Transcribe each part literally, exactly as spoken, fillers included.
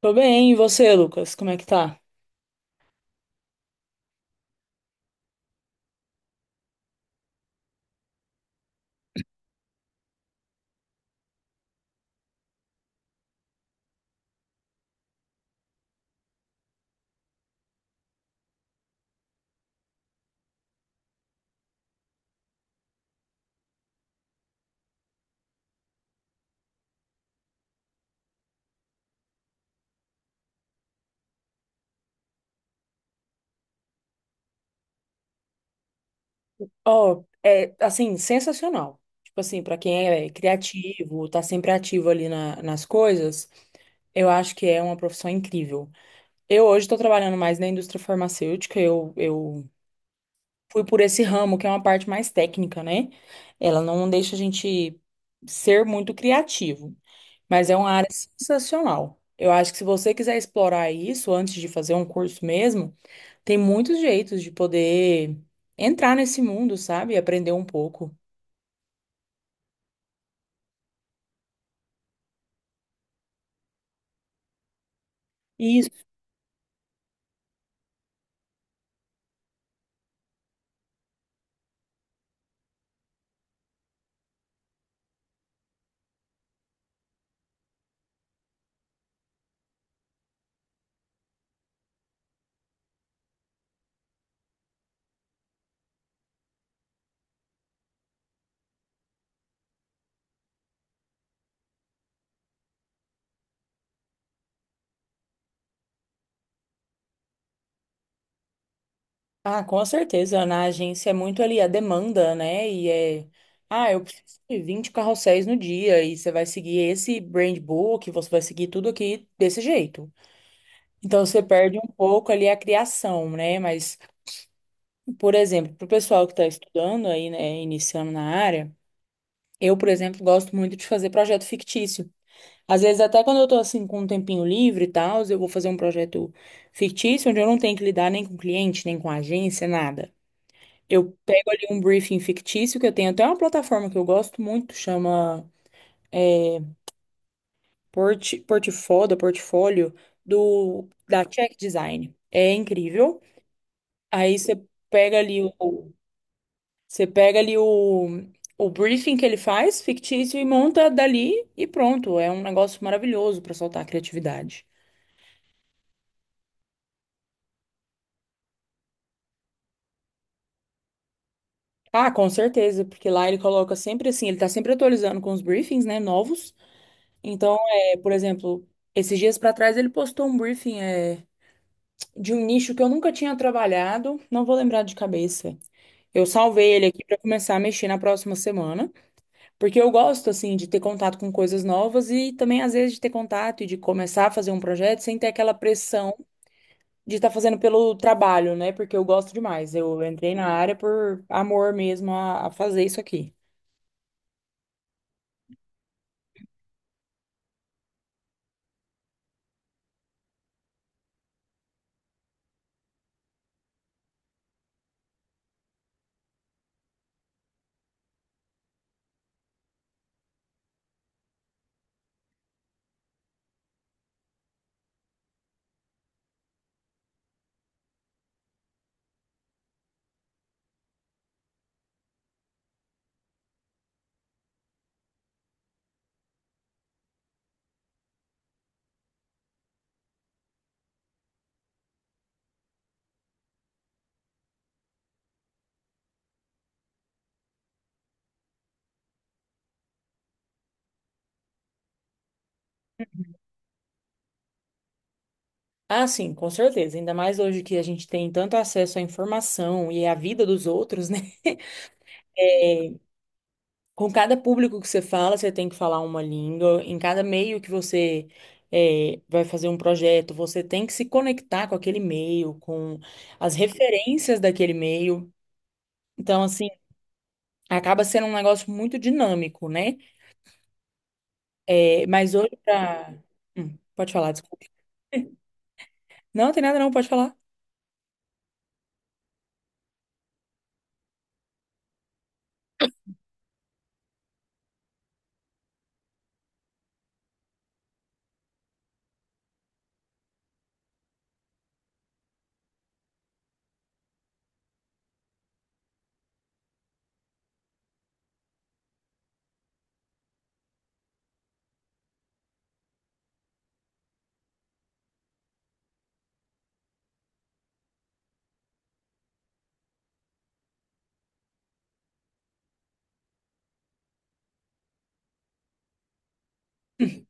Tô bem, e você, Lucas? Como é que tá? Ó, é assim, sensacional. Tipo assim, pra quem é criativo, tá sempre ativo ali na- nas coisas, eu acho que é uma profissão incrível. Eu hoje tô trabalhando mais na indústria farmacêutica, eu, eu fui por esse ramo, que é uma parte mais técnica, né? Ela não deixa a gente ser muito criativo, mas é uma área sensacional. Eu acho que se você quiser explorar isso antes de fazer um curso mesmo, tem muitos jeitos de poder entrar nesse mundo, sabe? E aprender um pouco. E isso. Ah, com certeza. Na agência é muito ali a demanda, né? E é. Ah, eu preciso de vinte carrosséis no dia e você vai seguir esse brand book, você vai seguir tudo aqui desse jeito. Então você perde um pouco ali a criação, né? Mas, por exemplo, para o pessoal que está estudando aí, né, iniciando na área, eu, por exemplo, gosto muito de fazer projeto fictício. Às vezes, até quando eu tô assim com um tempinho livre e tal, eu vou fazer um projeto fictício onde eu não tenho que lidar nem com cliente, nem com agência, nada. Eu pego ali um briefing fictício que eu tenho até uma plataforma que eu gosto muito, chama é, Port, Portifoda, Portfólio, do, da Check Design. É incrível. Aí você pega ali o, você pega ali o, o briefing que ele faz, fictício, e monta dali e pronto. É um negócio maravilhoso para soltar a criatividade. Ah, com certeza, porque lá ele coloca sempre assim, ele tá sempre atualizando com os briefings, né, novos. Então, é, por exemplo, esses dias pra trás ele postou um briefing é, de um nicho que eu nunca tinha trabalhado, não vou lembrar de cabeça. Eu salvei ele aqui pra começar a mexer na próxima semana, porque eu gosto assim de ter contato com coisas novas e também às vezes de ter contato e de começar a fazer um projeto sem ter aquela pressão de estar fazendo pelo trabalho, né? Porque eu gosto demais. Eu entrei na área por amor mesmo a a fazer isso aqui. Ah, sim, com certeza. Ainda mais hoje que a gente tem tanto acesso à informação e à vida dos outros, né? É, com cada público que você fala, você tem que falar uma língua. Em cada meio que você é, vai fazer um projeto, você tem que se conectar com aquele meio, com as referências daquele meio. Então, assim, acaba sendo um negócio muito dinâmico, né? É, mas hoje pra... Hum, pode falar, desculpa. Não, tem nada não, pode falar. Hum.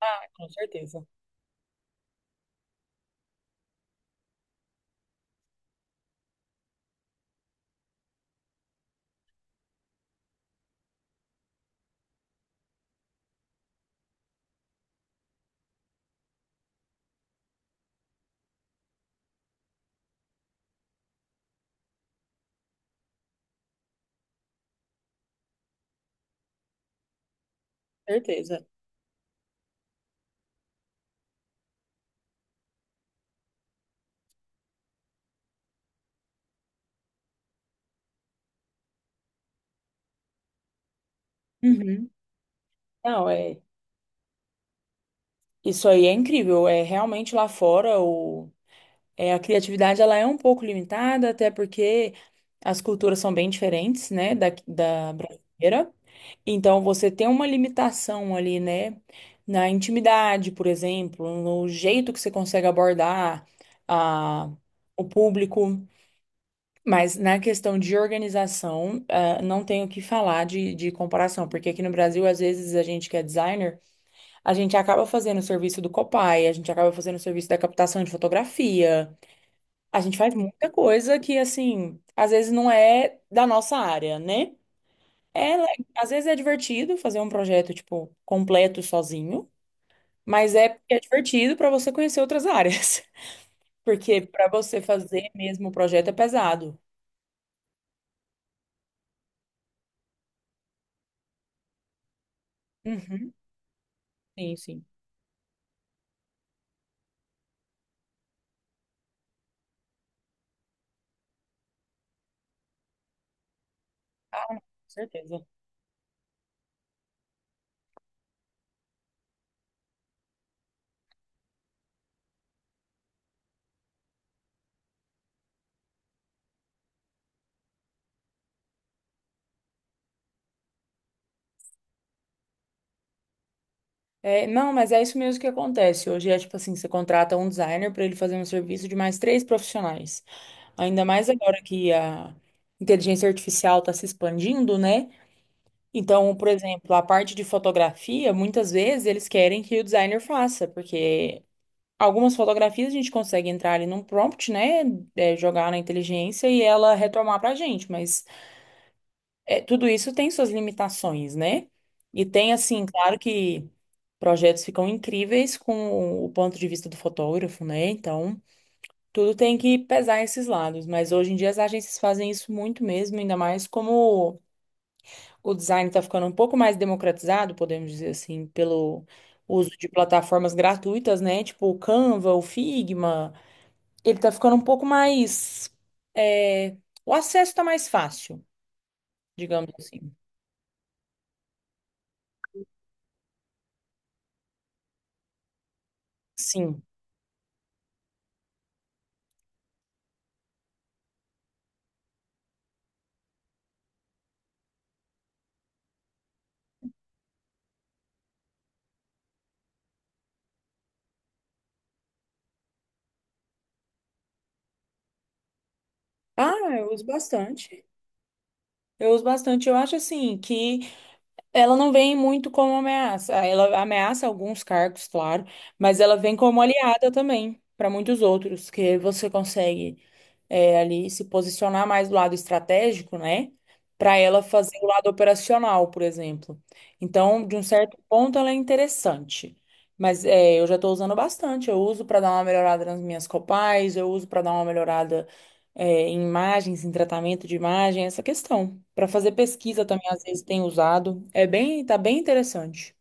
Ah, com certeza. Certeza. Uhum. Não, é. Isso aí é incrível. É realmente lá fora o, é, a criatividade ela é um pouco limitada, até porque as culturas são bem diferentes, né, da, da brasileira. Então você tem uma limitação ali, né, na intimidade, por exemplo, no jeito que você consegue abordar a, o público. Mas na questão de organização, ah, não tenho o que falar de, de comparação, porque aqui no Brasil, às vezes, a gente que é designer. A gente acaba fazendo o serviço do Copai, a gente acaba fazendo o serviço da captação de fotografia. A gente faz muita coisa que, assim, às vezes não é da nossa área, né? É, le- às vezes é divertido fazer um projeto, tipo, completo sozinho, mas é porque é divertido para você conhecer outras áreas. Porque para você fazer mesmo o projeto é pesado. Uhum, sim, sim. Ah, não, com certeza. É, não, mas é isso mesmo que acontece. Hoje é tipo assim, você contrata um designer para ele fazer um serviço de mais três profissionais. Ainda mais agora que a inteligência artificial está se expandindo, né? Então, por exemplo, a parte de fotografia, muitas vezes eles querem que o designer faça, porque algumas fotografias a gente consegue entrar ali num prompt, né? É, jogar na inteligência e ela retomar pra gente, mas é, tudo isso tem suas limitações, né? E tem, assim, claro que projetos ficam incríveis com o ponto de vista do fotógrafo, né? Então, tudo tem que pesar esses lados, mas hoje em dia as agências fazem isso muito mesmo, ainda mais como o design está ficando um pouco mais democratizado, podemos dizer assim, pelo uso de plataformas gratuitas, né? Tipo o Canva, o Figma. Ele está ficando um pouco mais. é, O acesso está mais fácil, digamos assim. Sim. Ah, eu uso bastante. Eu uso bastante. Eu acho assim que ela não vem muito como ameaça. Ah, ela ameaça alguns cargos, claro, mas ela vem como aliada também para muitos outros, que você consegue é, ali se posicionar mais do lado estratégico, né? Para ela fazer o lado operacional, por exemplo. Então, de um certo ponto, ela é interessante. Mas é, eu já estou usando bastante. Eu uso para dar uma melhorada nas minhas copais, eu uso para dar uma melhorada é, em imagens, em tratamento de imagem, essa questão. Para fazer pesquisa também, às vezes, tem usado. É bem, tá bem interessante.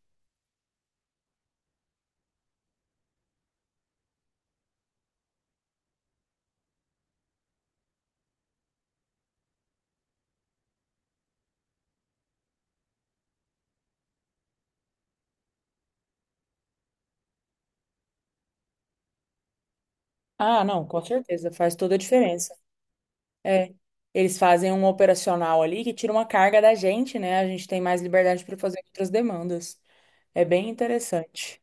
Ah, não, com certeza, faz toda a diferença. É, eles fazem um operacional ali que tira uma carga da gente, né? A gente tem mais liberdade para fazer outras demandas. É bem interessante.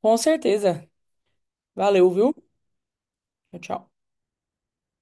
Com certeza. Valeu, viu? Tchau, tchau.